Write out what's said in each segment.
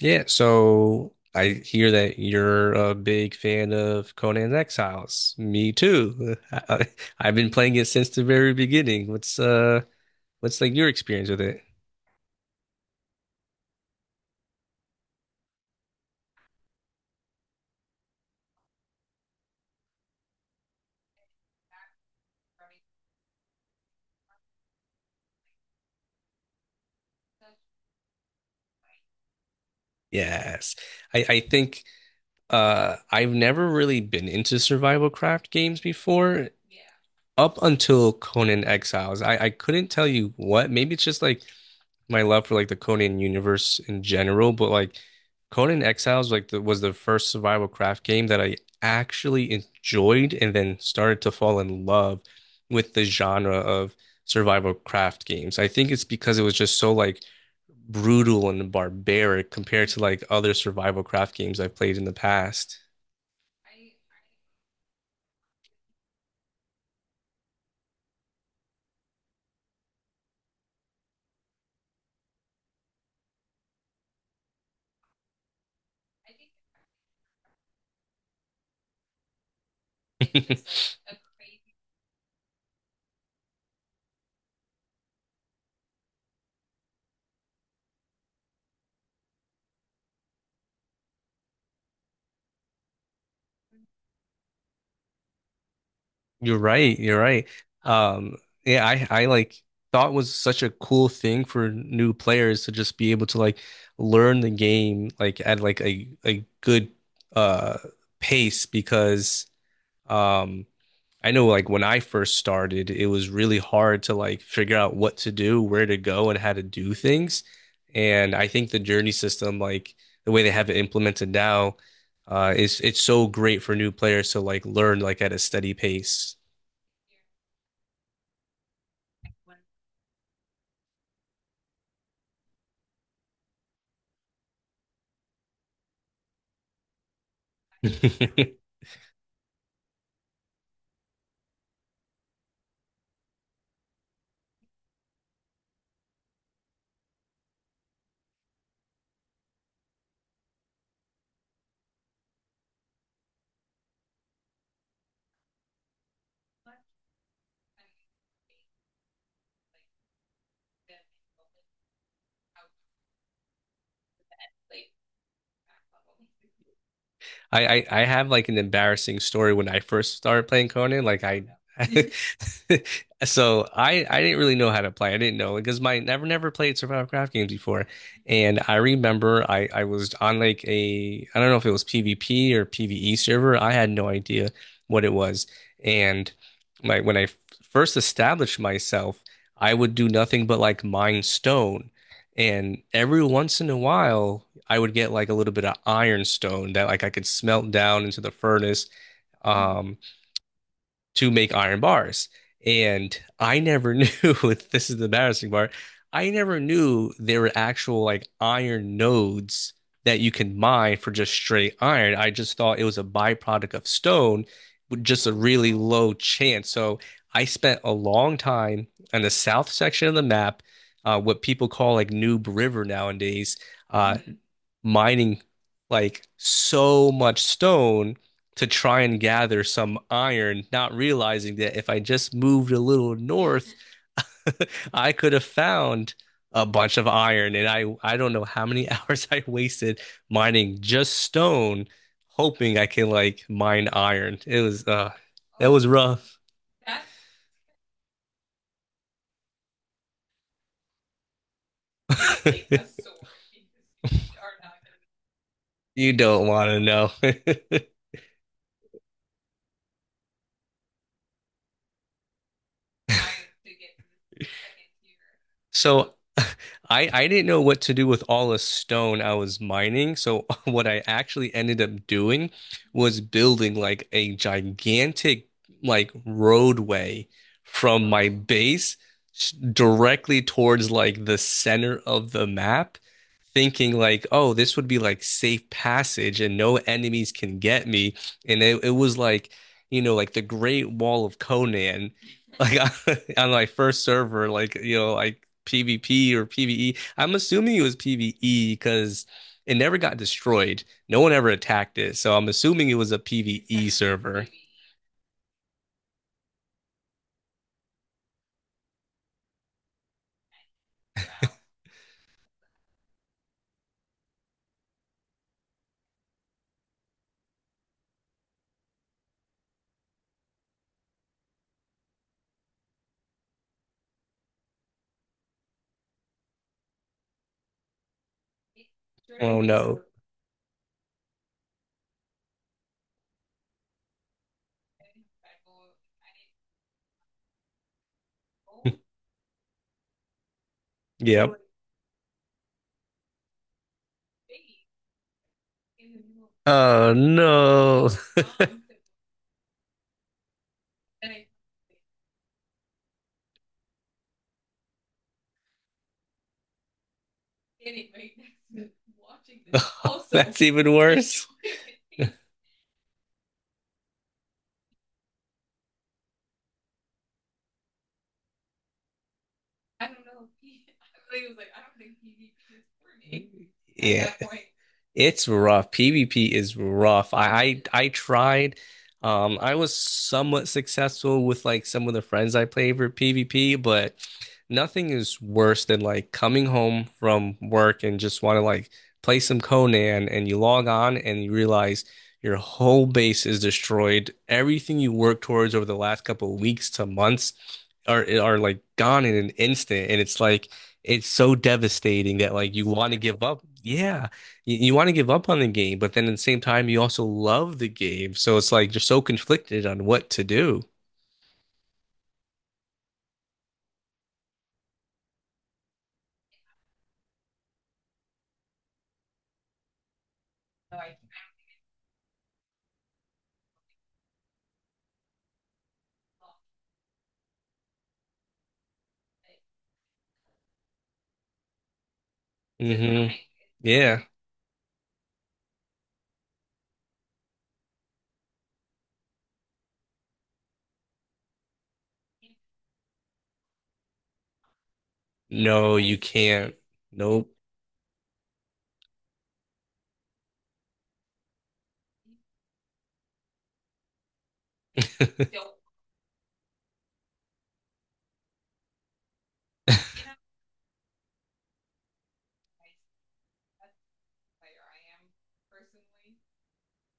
Yeah, so I hear that you're a big fan of Conan Exiles. Me too. I, have been playing it since the very beginning. What's like your experience with it? Yes. I think I've never really been into survival craft games before up until Conan Exiles. I couldn't tell you what. Maybe it's just like my love for like the Conan universe in general, but like Conan Exiles like the, was the first survival craft game that I actually enjoyed and then started to fall in love with the genre of survival craft games. I think it's because it was just so like brutal and barbaric compared to like other survival craft games I've played in the past. You're right. You're right. Um, yeah, I like thought was such a cool thing for new players to just be able to like learn the game like at like a good uh pace because um I know like when I first started it was really hard to like figure out what to do, where to go and how to do things. And I think the journey system like the way they have it implemented now is it's so great for new players to like learn like at a steady pace. I, I have like an embarrassing story when I first started playing Conan. So I didn't really know how to play. I didn't know because my never played survival craft games before, and I remember I was on like a I don't know if it was PvP or PvE server. I had no idea what it was, and my when first established myself, I would do nothing but like mine stone, and every once in a while. I would get like a little bit of ironstone that like I could smelt down into the furnace um to make iron bars. And I never knew this is the embarrassing part. I never knew there were actual like iron nodes that you can mine for just straight iron. I just thought it was a byproduct of stone with just a really low chance. So I spent a long time on the south section of the map, what people call like Noob River nowadays, uh, mining like so much stone to try and gather some iron, not realizing that if I just moved a little north, I could have found a bunch of iron. And I don't know how many hours I wasted mining just stone, hoping I can like mine iron. It was, that was rough. You don't want to know. So I didn't know what to do with all the stone I was mining. So what I actually ended up doing was building like a gigantic like roadway from my base directly towards like the center of the map, thinking like, oh, this would be like safe passage and no enemies can get me. And it was like, you know, like the Great Wall of Conan like on my first server, like you know, like PvP or PvE. I'm assuming it was PvE because it never got destroyed. No one ever attacked it. So I'm assuming it was a PvE server. Oh no. Yep. Oh no. That's even worse. Yeah. It's rough. PvP is rough. I tried. I was somewhat successful with like some of the friends I played for PvP, but nothing is worse than like coming home from work and just want to like play some Conan and you log on and you realize your whole base is destroyed. Everything you worked towards over the last couple of weeks to months are like gone in an instant. And it's like it's so devastating that like you want to give up. Yeah, you want to give up on the game, but then at the same time you also love the game. So it's like you're so conflicted on what to do. Hmm. Yeah. No, you can't. Nope.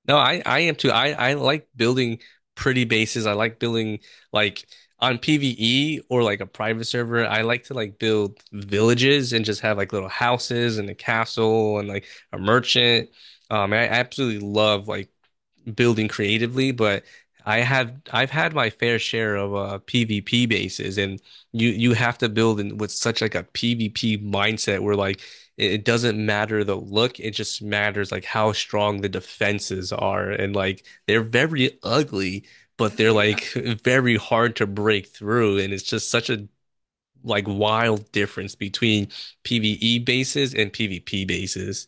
No, I am too. I like building pretty bases. I like building like on PvE or like a private server. I like to like build villages and just have like little houses and a castle and like a merchant. I absolutely love like building creatively, but I have I've had my fair share of PvP bases, and you have to build in with such like a PvP mindset where like it doesn't matter the look, it just matters like how strong the defenses are, and like they're very ugly, but they're like very hard to break through, and it's just such a like wild difference between PvE bases and PvP bases.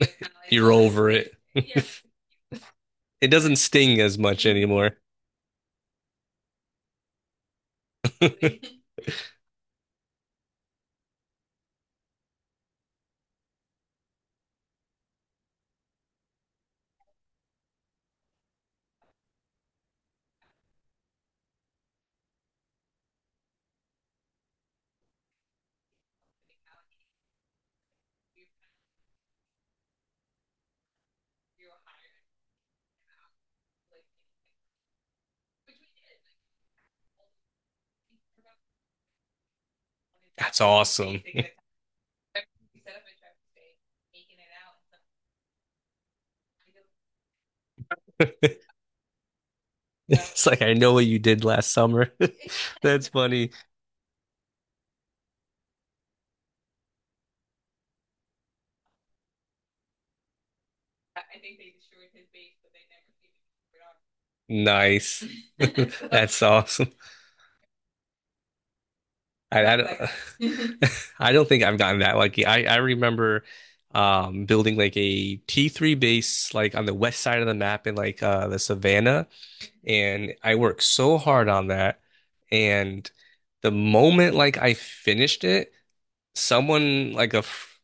You're over it. It doesn't sting as much anymore. That's awesome. It's like I know what you did last summer. That's funny. Nice. That's awesome. I don't I don't think I've gotten that lucky. I remember building like a T3 base like on the west side of the map in like the savannah and I worked so hard on that and the moment like I finished it someone like a f-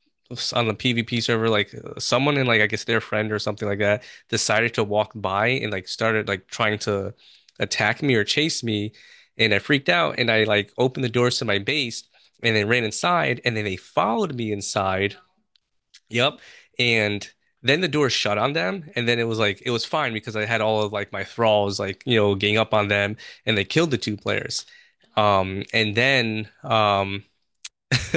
on the PvP server, like someone in like I guess their friend or something like that decided to walk by and like started like trying to attack me or chase me, and I freaked out and I like opened the doors to my base and then ran inside and then they followed me inside. Yep, and. Then the door shut on them, and then it was like it was fine because I had all of like my thralls like you know gang up on them, and they killed the two players. And then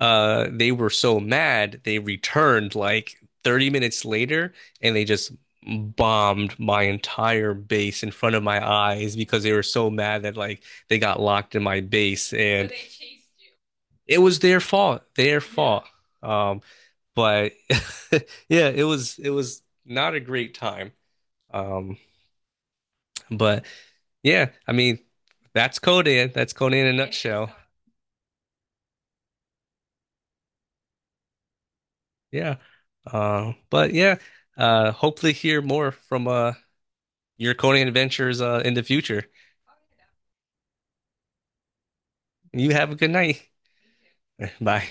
they were so mad they returned like 30 minutes later and they just bombed my entire base in front of my eyes because they were so mad that like they got locked in my base so it was their Yeah. fault. Yeah. But yeah, it was not a great time. Um, but yeah, I mean that's Conan. That's Conan in a nutshell. Yeah. But yeah, hopefully hear more from your coding adventures in the future. You have a good night. Bye.